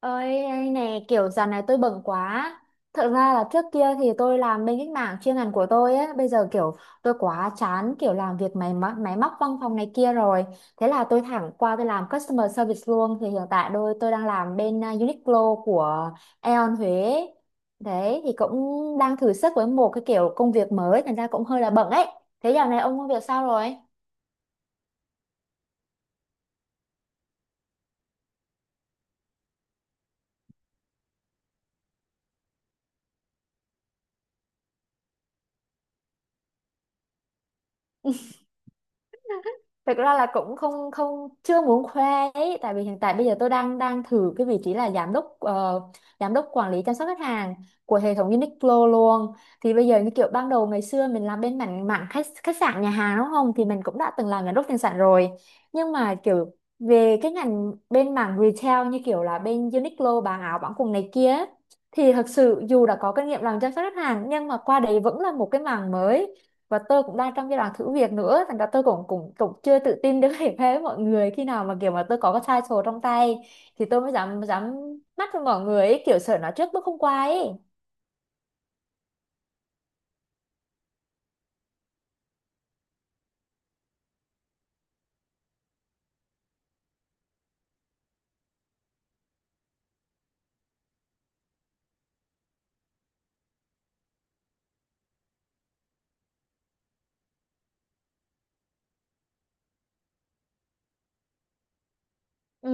Ơi anh này, kiểu dạo này tôi bận quá. Thật ra là trước kia thì tôi làm bên cái mảng chuyên ngành của tôi ấy. Bây giờ kiểu tôi quá chán kiểu làm việc máy móc văn phòng này kia rồi. Thế là tôi thẳng qua tôi làm customer service luôn. Thì hiện tại tôi đang làm bên Uniqlo của Aeon Huế. Đấy thì cũng đang thử sức với một cái kiểu công việc mới. Thành ra cũng hơi là bận ấy. Thế dạo này ông công việc sao rồi? Thực ra là cũng không không chưa muốn khoe ấy, tại vì hiện tại bây giờ tôi đang đang thử cái vị trí là giám đốc, giám đốc quản lý chăm sóc khách hàng của hệ thống Uniqlo luôn. Thì bây giờ như kiểu ban đầu ngày xưa mình làm bên mảng mảng khách khách sạn nhà hàng đúng không, thì mình cũng đã từng làm giám đốc tiền sản rồi, nhưng mà kiểu về cái ngành bên mảng retail như kiểu là bên Uniqlo bán áo bán quần này kia ấy, thì thật sự dù đã có kinh nghiệm làm chăm sóc khách hàng nhưng mà qua đấy vẫn là một cái mảng mới, và tôi cũng đang trong giai đoạn thử việc nữa, thành ra tôi cũng cũng cũng chưa tự tin được để với mọi người. Khi nào mà kiểu mà tôi có cái title trong tay thì tôi mới dám dám mắt với mọi người ấy, kiểu sợ nói trước bước không qua ấy. Ừ,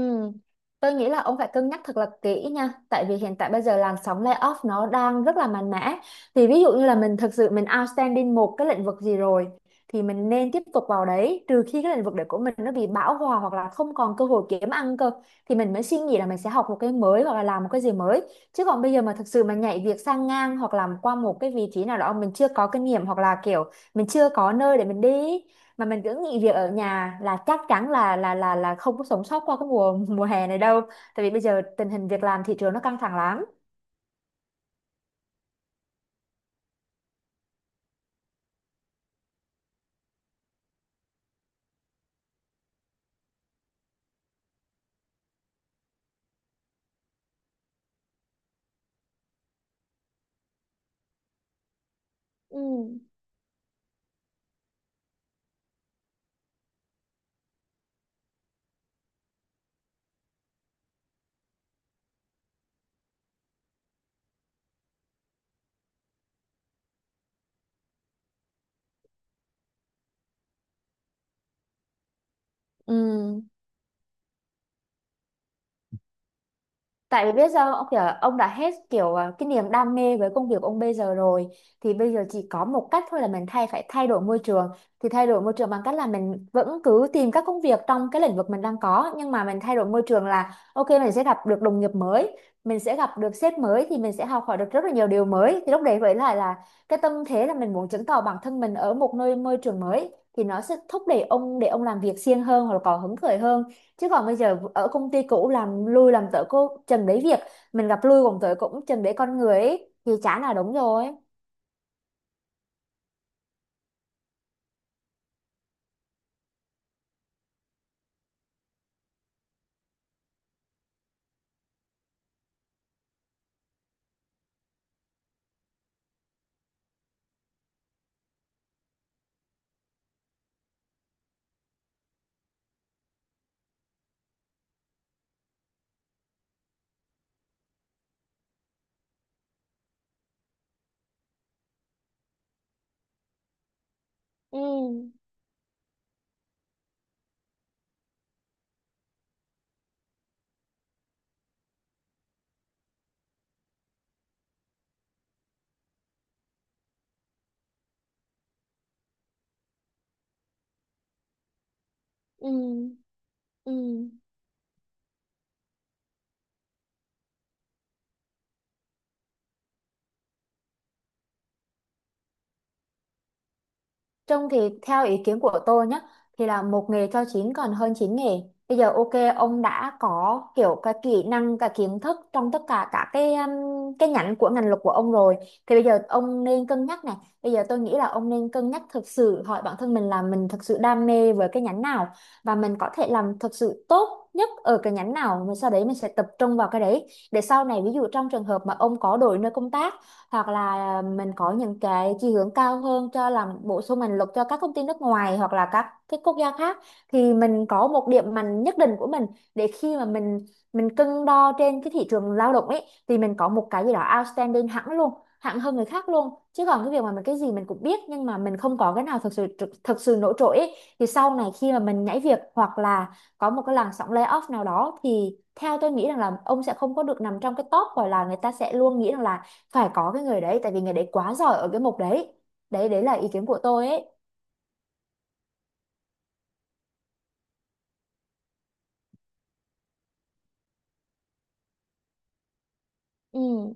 tôi nghĩ là ông phải cân nhắc thật là kỹ nha, tại vì hiện tại bây giờ làn sóng layoff nó đang rất là mạnh mẽ. Thì ví dụ như là mình thực sự mình outstanding một cái lĩnh vực gì rồi thì mình nên tiếp tục vào đấy, trừ khi cái lĩnh vực đấy của mình nó bị bão hòa hoặc là không còn cơ hội kiếm ăn cơ, thì mình mới suy nghĩ là mình sẽ học một cái mới hoặc là làm một cái gì mới. Chứ còn bây giờ mà thực sự mà nhảy việc sang ngang hoặc làm qua một cái vị trí nào đó mình chưa có kinh nghiệm, hoặc là kiểu mình chưa có nơi để mình đi mà mình cứ nghỉ việc ở nhà, là chắc chắn là không có sống sót qua cái mùa mùa hè này đâu, tại vì bây giờ tình hình việc làm thị trường nó căng thẳng lắm. Ừ. Ừ. Tại vì biết sao, ông kiểu ông đã hết kiểu, cái niềm đam mê với công việc ông bây giờ rồi, thì bây giờ chỉ có một cách thôi là mình phải thay đổi môi trường. Thì thay đổi môi trường bằng cách là mình vẫn cứ tìm các công việc trong cái lĩnh vực mình đang có, nhưng mà mình thay đổi môi trường, là ok mình sẽ gặp được đồng nghiệp mới, mình sẽ gặp được sếp mới, thì mình sẽ học hỏi được rất là nhiều điều mới. Thì lúc đấy với lại là cái tâm thế là mình muốn chứng tỏ bản thân mình ở một nơi môi trường mới, thì nó sẽ thúc đẩy ông để ông làm việc siêng hơn hoặc là có hứng khởi hơn. Chứ còn bây giờ ở công ty cũ làm lui làm tới cô chừng đấy việc, mình gặp lui còn tới cũng chừng đấy con người ấy, thì chả là đúng rồi. Ừ. Ừ. Ừ. Trông thì theo ý kiến của tôi nhé, thì là một nghề cho chín còn hơn chín nghề. Bây giờ ok ông đã có kiểu cái kỹ năng cái kiến thức trong tất cả các cái nhánh của ngành luật của ông rồi, thì bây giờ ông nên cân nhắc này. Bây giờ tôi nghĩ là ông nên cân nhắc thực sự hỏi bản thân mình là mình thực sự đam mê với cái nhánh nào, và mình có thể làm thực sự tốt nhất ở cái nhánh nào, mình sau đấy mình sẽ tập trung vào cái đấy. Để sau này ví dụ trong trường hợp mà ông có đổi nơi công tác, hoặc là mình có những cái chỉ hướng cao hơn cho làm bổ sung mình lực cho các công ty nước ngoài hoặc là các cái quốc gia khác, thì mình có một điểm mạnh nhất định của mình, để khi mà mình cân đo trên cái thị trường lao động ấy thì mình có một cái gì đó outstanding hẳn luôn, hẳn hơn người khác luôn. Chứ còn cái việc mà mình cái gì mình cũng biết nhưng mà mình không có cái nào thực sự nổi trội ấy, thì sau này khi mà mình nhảy việc hoặc là có một cái làn sóng layoff nào đó, thì theo tôi nghĩ rằng là ông sẽ không có được nằm trong cái top, gọi là người ta sẽ luôn nghĩ rằng là phải có cái người đấy tại vì người đấy quá giỏi ở cái mục đấy. Đấy là ý kiến của tôi ấy. Ừ.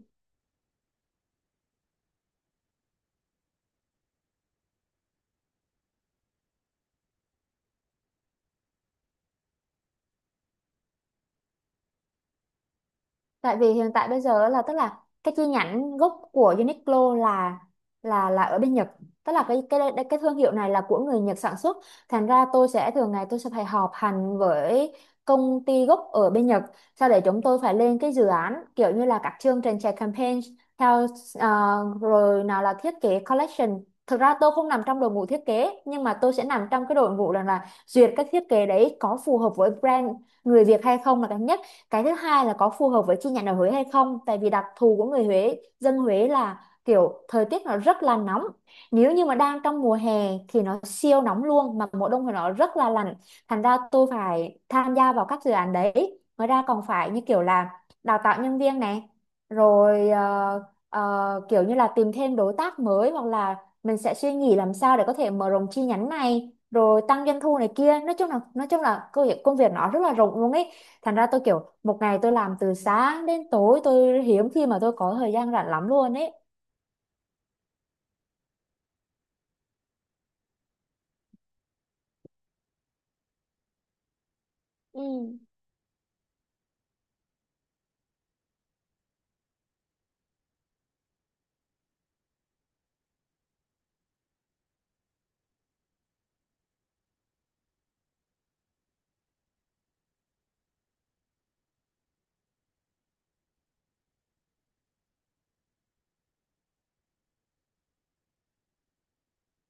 Tại vì hiện tại bây giờ là tức là cái chi nhánh gốc của Uniqlo là ở bên Nhật. Tức là cái thương hiệu này là của người Nhật sản xuất. Thành ra tôi sẽ thường ngày tôi sẽ phải họp hành với công ty gốc ở bên Nhật. Sau để chúng tôi phải lên cái dự án kiểu như là các chương trình chạy campaign theo, ờ, rồi nào là thiết kế collection. Thực ra tôi không nằm trong đội ngũ thiết kế nhưng mà tôi sẽ nằm trong cái đội ngũ là duyệt các thiết kế đấy có phù hợp với brand người Việt hay không là cái nhất. Cái thứ hai là có phù hợp với chi nhánh ở Huế hay không, tại vì đặc thù của người Huế dân Huế là kiểu thời tiết nó rất là nóng, nếu như mà đang trong mùa hè thì nó siêu nóng luôn, mà mùa đông thì nó rất là lạnh. Thành ra tôi phải tham gia vào các dự án đấy, ngoài ra còn phải như kiểu là đào tạo nhân viên này, rồi kiểu như là tìm thêm đối tác mới, hoặc là mình sẽ suy nghĩ làm sao để có thể mở rộng chi nhánh này, rồi tăng doanh thu này kia. Nói chung là công việc nó rất là rộng luôn ấy. Thành ra tôi kiểu một ngày tôi làm từ sáng đến tối, tôi hiếm khi mà tôi có thời gian rảnh lắm luôn ấy. Ừ.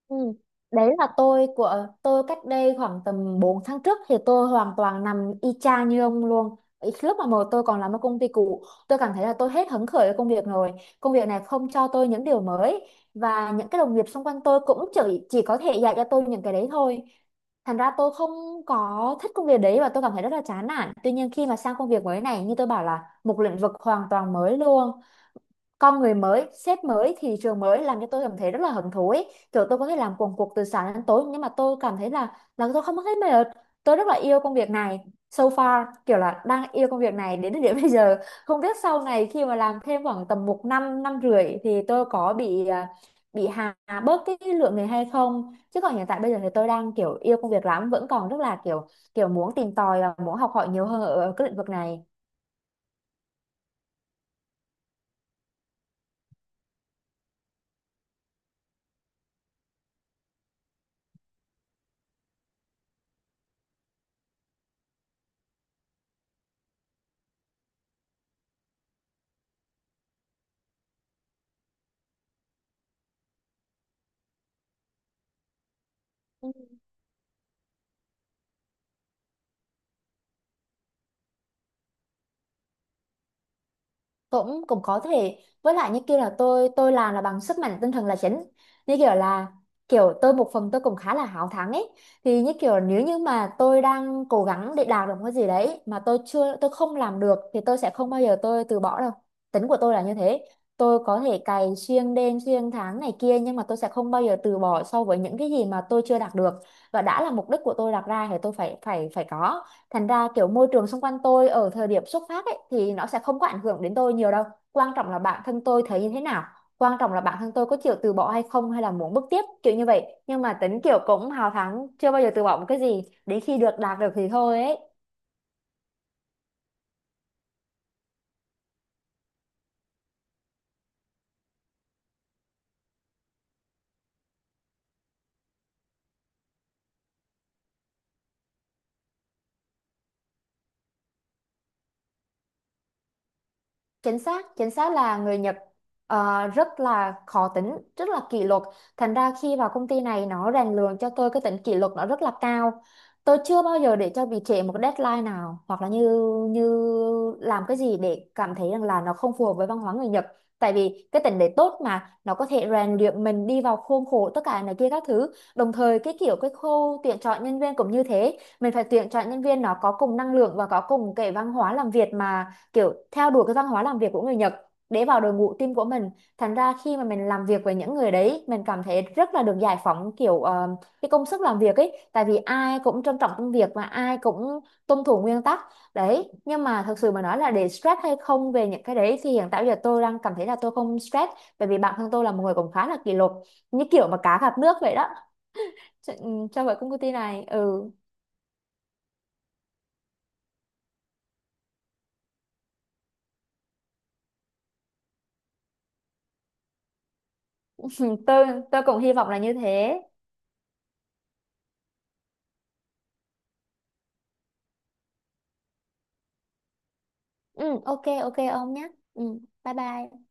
Ừ. Đấy là tôi của tôi cách đây khoảng tầm 4 tháng trước thì tôi hoàn toàn nằm y chang như ông luôn. Ý, lúc mà tôi còn làm ở công ty cũ, tôi cảm thấy là tôi hết hứng khởi với công việc rồi. Công việc này không cho tôi những điều mới, và những cái đồng nghiệp xung quanh tôi cũng chỉ có thể dạy cho tôi những cái đấy thôi. Thành ra tôi không có thích công việc đấy và tôi cảm thấy rất là chán nản. Tuy nhiên khi mà sang công việc mới này, như tôi bảo là một lĩnh vực hoàn toàn mới luôn, con người mới, sếp mới, thị trường mới, làm cho tôi cảm thấy rất là hứng thú ấy. Kiểu tôi có thể làm cuồng cuộc từ sáng đến tối nhưng mà tôi cảm thấy là tôi không có thấy mệt. Tôi rất là yêu công việc này. So far kiểu là đang yêu công việc này đến thời điểm bây giờ. Không biết sau này khi mà làm thêm khoảng tầm 1 năm rưỡi thì tôi có bị, bị hà bớt cái lượng người hay không. Chứ còn hiện tại bây giờ thì tôi đang kiểu yêu công việc lắm, vẫn còn rất là kiểu kiểu muốn tìm tòi và muốn học hỏi nhiều hơn ở ở cái lĩnh vực này. Cũng Cũng có thể, với lại như kia là tôi làm là bằng sức mạnh tinh thần là chính, như kiểu là kiểu tôi một phần tôi cũng khá là háo thắng ấy. Thì như kiểu nếu như mà tôi đang cố gắng để đạt được một cái gì đấy mà tôi không làm được thì tôi sẽ không bao giờ tôi từ bỏ đâu. Tính của tôi là như thế. Tôi có thể cày xuyên đêm xuyên tháng này kia, nhưng mà tôi sẽ không bao giờ từ bỏ so với những cái gì mà tôi chưa đạt được, và đã là mục đích của tôi đặt ra thì tôi phải phải phải có. Thành ra kiểu môi trường xung quanh tôi ở thời điểm xuất phát ấy thì nó sẽ không có ảnh hưởng đến tôi nhiều đâu. Quan trọng là bản thân tôi thấy như thế nào, quan trọng là bản thân tôi có chịu từ bỏ hay không, hay là muốn bước tiếp kiểu như vậy. Nhưng mà tính kiểu cũng hào thắng, chưa bao giờ từ bỏ một cái gì đến khi được đạt được thì thôi ấy. Chính xác là người Nhật rất là khó tính, rất là kỷ luật. Thành ra khi vào công ty này nó rèn luyện cho tôi cái tính kỷ luật nó rất là cao. Tôi chưa bao giờ để cho bị trễ một cái deadline nào, hoặc là như như làm cái gì để cảm thấy rằng là nó không phù hợp với văn hóa người Nhật. Tại vì cái tính đấy tốt mà, nó có thể rèn luyện mình đi vào khuôn khổ tất cả này kia các thứ. Đồng thời cái kiểu cái khâu tuyển chọn nhân viên cũng như thế, mình phải tuyển chọn nhân viên nó có cùng năng lượng và có cùng cái văn hóa làm việc mà, kiểu theo đuổi cái văn hóa làm việc của người Nhật để vào đội ngũ team của mình. Thành ra khi mà mình làm việc với những người đấy, mình cảm thấy rất là được giải phóng kiểu, cái công sức làm việc ấy, tại vì ai cũng trân trọng công việc và ai cũng tuân thủ nguyên tắc đấy. Nhưng mà thật sự mà nói là để stress hay không về những cái đấy thì hiện tại bây giờ tôi đang cảm thấy là tôi không stress, bởi vì bản thân tôi là một người cũng khá là kỷ luật, như kiểu mà cá gặp nước vậy đó, cho, ừ, cho vậy công ty này. Ừ. tôi tôi cũng hy vọng là như thế. Ừ, ok ok ông nhé. Ừ, bye bye.